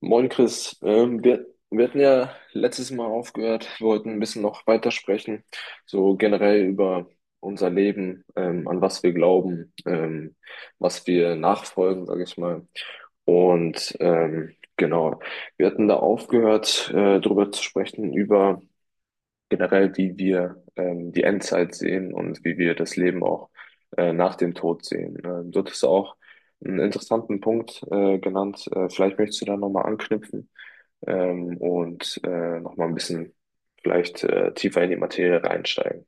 Moin Chris, wir hatten ja letztes Mal aufgehört. Wir wollten ein bisschen noch weitersprechen, so generell über unser Leben, an was wir glauben, was wir nachfolgen, sage ich mal. Und genau, wir hatten da aufgehört, darüber zu sprechen, über generell, wie wir die Endzeit sehen und wie wir das Leben auch nach dem Tod sehen. Dort ist auch einen interessanten Punkt genannt. Vielleicht möchtest du da nochmal anknüpfen, und nochmal ein bisschen vielleicht tiefer in die Materie reinsteigen.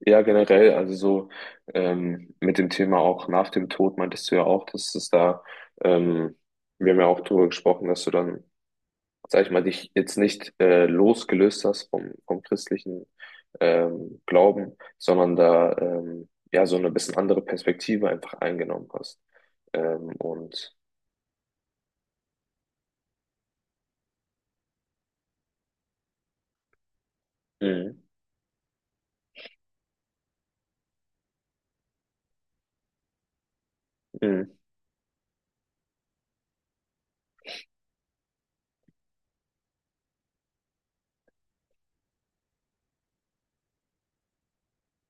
Ja, generell, also so, mit dem Thema auch nach dem Tod meintest du ja auch, dass es da, ähm, wir haben ja auch darüber gesprochen, dass du dann, sag ich mal, dich jetzt nicht losgelöst hast vom christlichen, Glauben, sondern da, ja, so eine bisschen andere Perspektive einfach eingenommen hast. Ähm, und mhm. Mhm.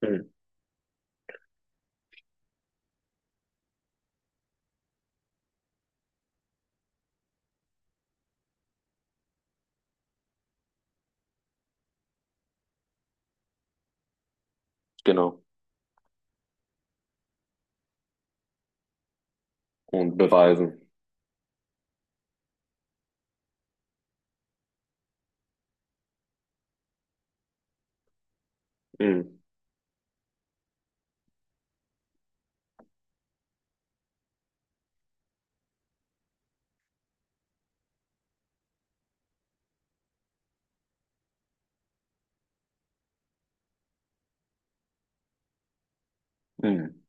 Mhm. Genau. Und beweisen. Mhm. Mhm.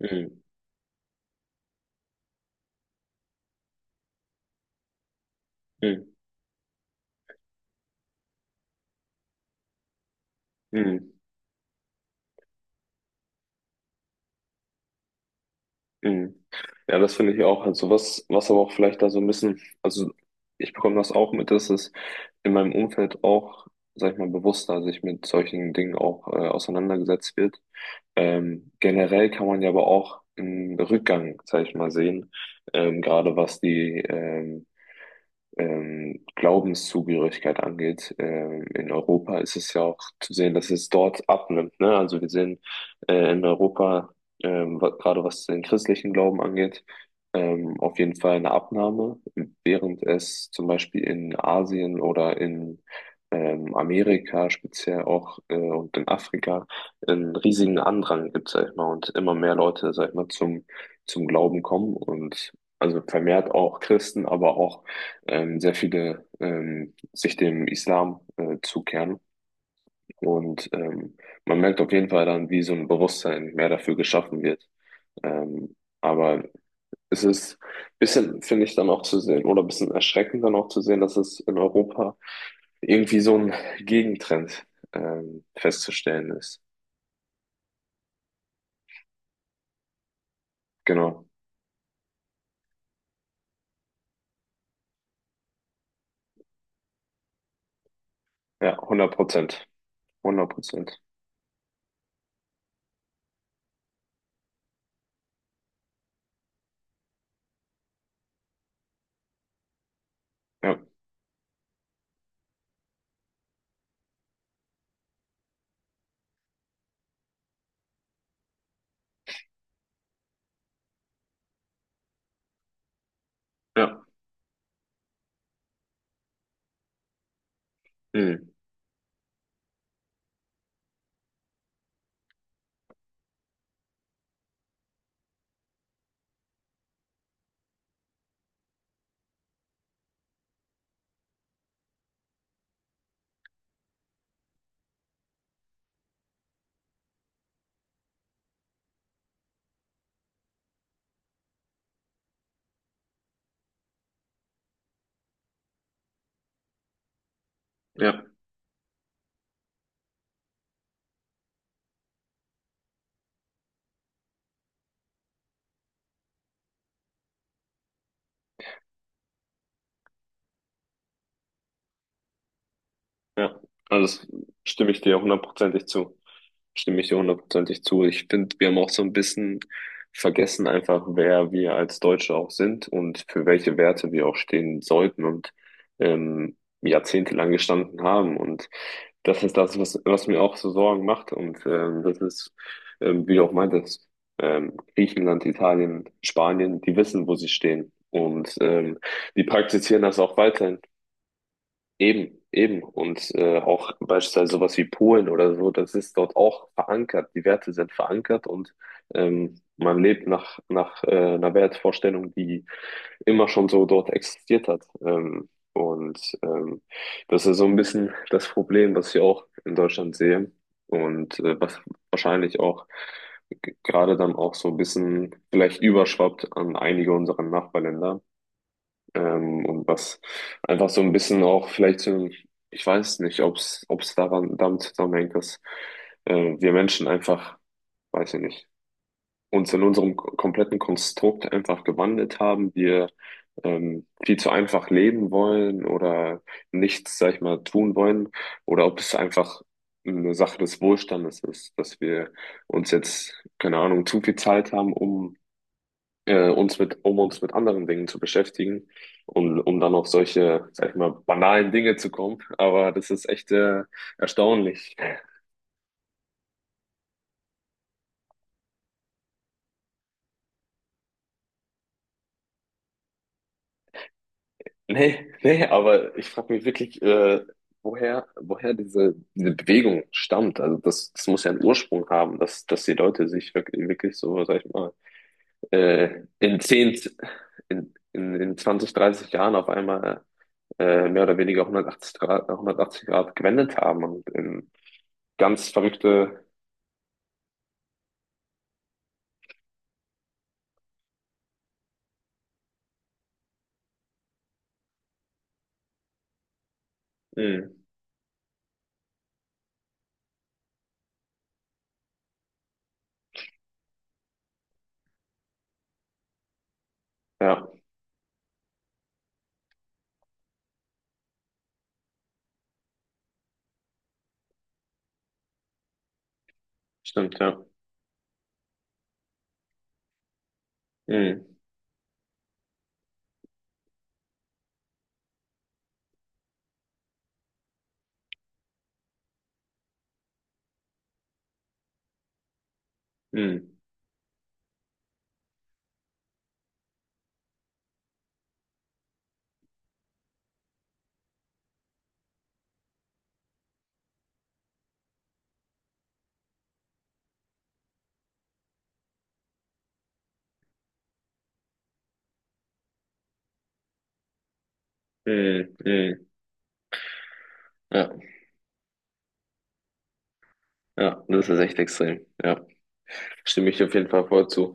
Mhm. Mhm. Mhm. Mhm. Ja, das finde ich auch. Also was aber auch vielleicht da so ein bisschen, also ich bekomme das auch mit, dass es in meinem Umfeld auch, sag ich mal, bewusster sich mit solchen Dingen auch auseinandergesetzt wird. Generell kann man ja aber auch einen Rückgang, sag ich mal, sehen, gerade was die, Glaubenszugehörigkeit angeht. In Europa ist es ja auch zu sehen, dass es dort abnimmt. Ne? Also wir sehen, in Europa, gerade was den christlichen Glauben angeht, auf jeden Fall eine Abnahme, während es zum Beispiel in Asien oder in, Amerika speziell auch, und in Afrika einen riesigen Andrang gibt, sag ich mal, und immer mehr Leute, sag ich mal, zum Glauben kommen und also vermehrt auch Christen, aber auch, sehr viele, sich dem Islam zukehren. Und man merkt auf jeden Fall dann, wie so ein Bewusstsein mehr dafür geschaffen wird. Ähm, aber es ist ein bisschen, finde ich, dann auch zu sehen, oder ein bisschen erschreckend dann auch zu sehen, dass es in Europa irgendwie so ein Gegentrend, festzustellen ist. Genau. Ja, hundert Prozent. Hundert Prozent. Ja, ja, hm, ja, ja. Also das, stimme ich dir hundertprozentig zu. Stimme ich dir hundertprozentig zu. Ich finde, wir haben auch so ein bisschen vergessen einfach, wer wir als Deutsche auch sind und für welche Werte wir auch stehen sollten und jahrzehntelang gestanden haben. Und das ist das, was mir auch so Sorgen macht. Und das ist, wie du auch meintest, Griechenland, Italien, Spanien, die wissen, wo sie stehen. Und die praktizieren das auch weiterhin. Eben, eben. Und auch beispielsweise sowas wie Polen oder so, das ist dort auch verankert. Die Werte sind verankert und man lebt nach einer Wertvorstellung, die immer schon so dort existiert hat. Das ist so ein bisschen das Problem, was ich auch in Deutschland sehe, und was wahrscheinlich auch gerade dann auch so ein bisschen vielleicht überschwappt an einige unserer Nachbarländer. Und was einfach so ein bisschen auch vielleicht, ich weiß nicht, ob es daran damit zusammenhängt, dass, äh, wir Menschen einfach, weiß ich nicht, uns in unserem kompletten Konstrukt einfach gewandelt haben. Wir, viel zu einfach leben wollen oder nichts, sag ich mal, tun wollen. Oder ob es einfach eine Sache des Wohlstandes ist, dass wir uns jetzt, keine Ahnung, zu viel Zeit haben, um, um uns mit anderen Dingen zu beschäftigen und um dann auf solche, sag ich mal, banalen Dinge zu kommen. Aber das ist echt erstaunlich. Nee, nee, aber ich frage mich wirklich, woher diese Bewegung stammt. Also das muss ja einen Ursprung haben, dass die Leute sich wirklich, wirklich so, sag ich mal, in 10 in 20, 30 Jahren auf einmal mehr oder weniger 180 Grad, 180 Grad gewendet haben und in ganz verrückte… Mhm. Ja, stimmt, ja. Mhm. Mhm. Mhm. Mhm. Ja, ja, das ist echt extrem. Ja, stimme ich auf jeden Fall voll zu.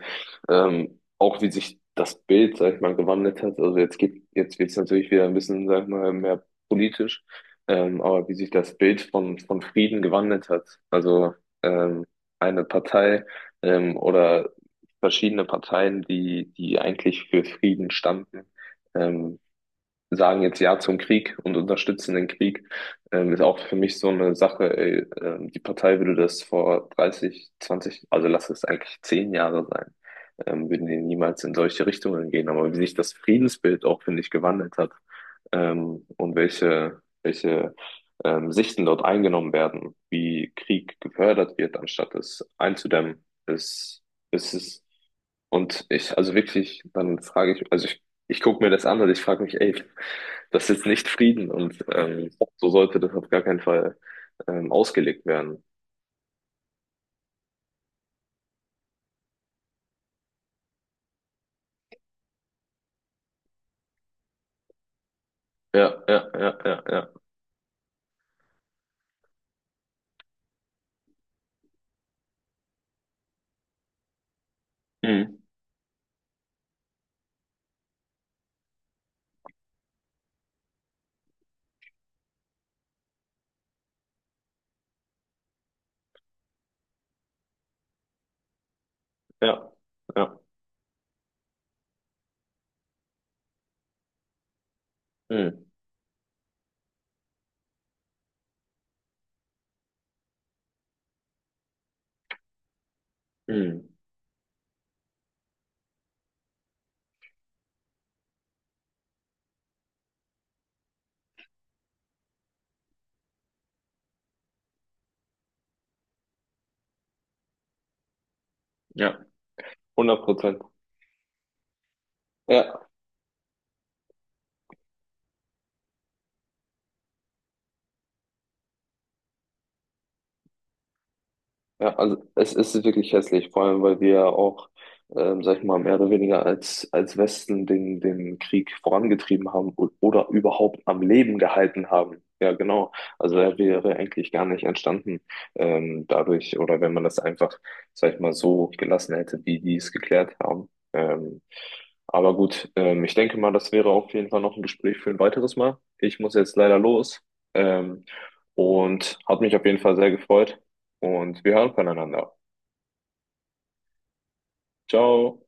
Auch wie sich das Bild, sag ich mal, gewandelt hat. Also jetzt geht, jetzt wird es natürlich wieder ein bisschen, sag ich mal, mehr politisch. Aber wie sich das Bild von Frieden gewandelt hat. Also, ähm, eine Partei, oder verschiedene Parteien, die eigentlich für Frieden standen, ähm, sagen jetzt Ja zum Krieg und unterstützen den Krieg, ist auch für mich so eine Sache, ey, die Partei würde das vor 30 zwanzig, also lass es eigentlich 10 Jahre sein, würden die niemals in solche Richtungen gehen. Aber wie sich das Friedensbild auch, finde ich, gewandelt hat, und welche, Sichten dort eingenommen werden, wie Krieg gefördert wird, anstatt es einzudämmen, ist es. Und ich, also wirklich, dann frage ich, also ich gucke mir das an und ich frage mich, ey, das ist nicht Frieden und, so sollte das auf gar keinen Fall, ausgelegt werden. Ja, ja, ja, ja, ja. Mhm. Ja, ja, Mhm. Mhm. Ja. 100%. Ja. Ja, also es ist wirklich hässlich, vor allem weil wir ja auch, sag ich mal, mehr oder weniger als Westen den Krieg vorangetrieben haben oder überhaupt am Leben gehalten haben. Ja, genau. Also er wäre eigentlich gar nicht entstanden, dadurch, oder wenn man das einfach, sag ich mal, so gelassen hätte, wie die es geklärt haben. Aber gut, ich denke mal, das wäre auf jeden Fall noch ein Gespräch für ein weiteres Mal. Ich muss jetzt leider los. Ähm, und hat mich auf jeden Fall sehr gefreut und wir hören voneinander. Ciao.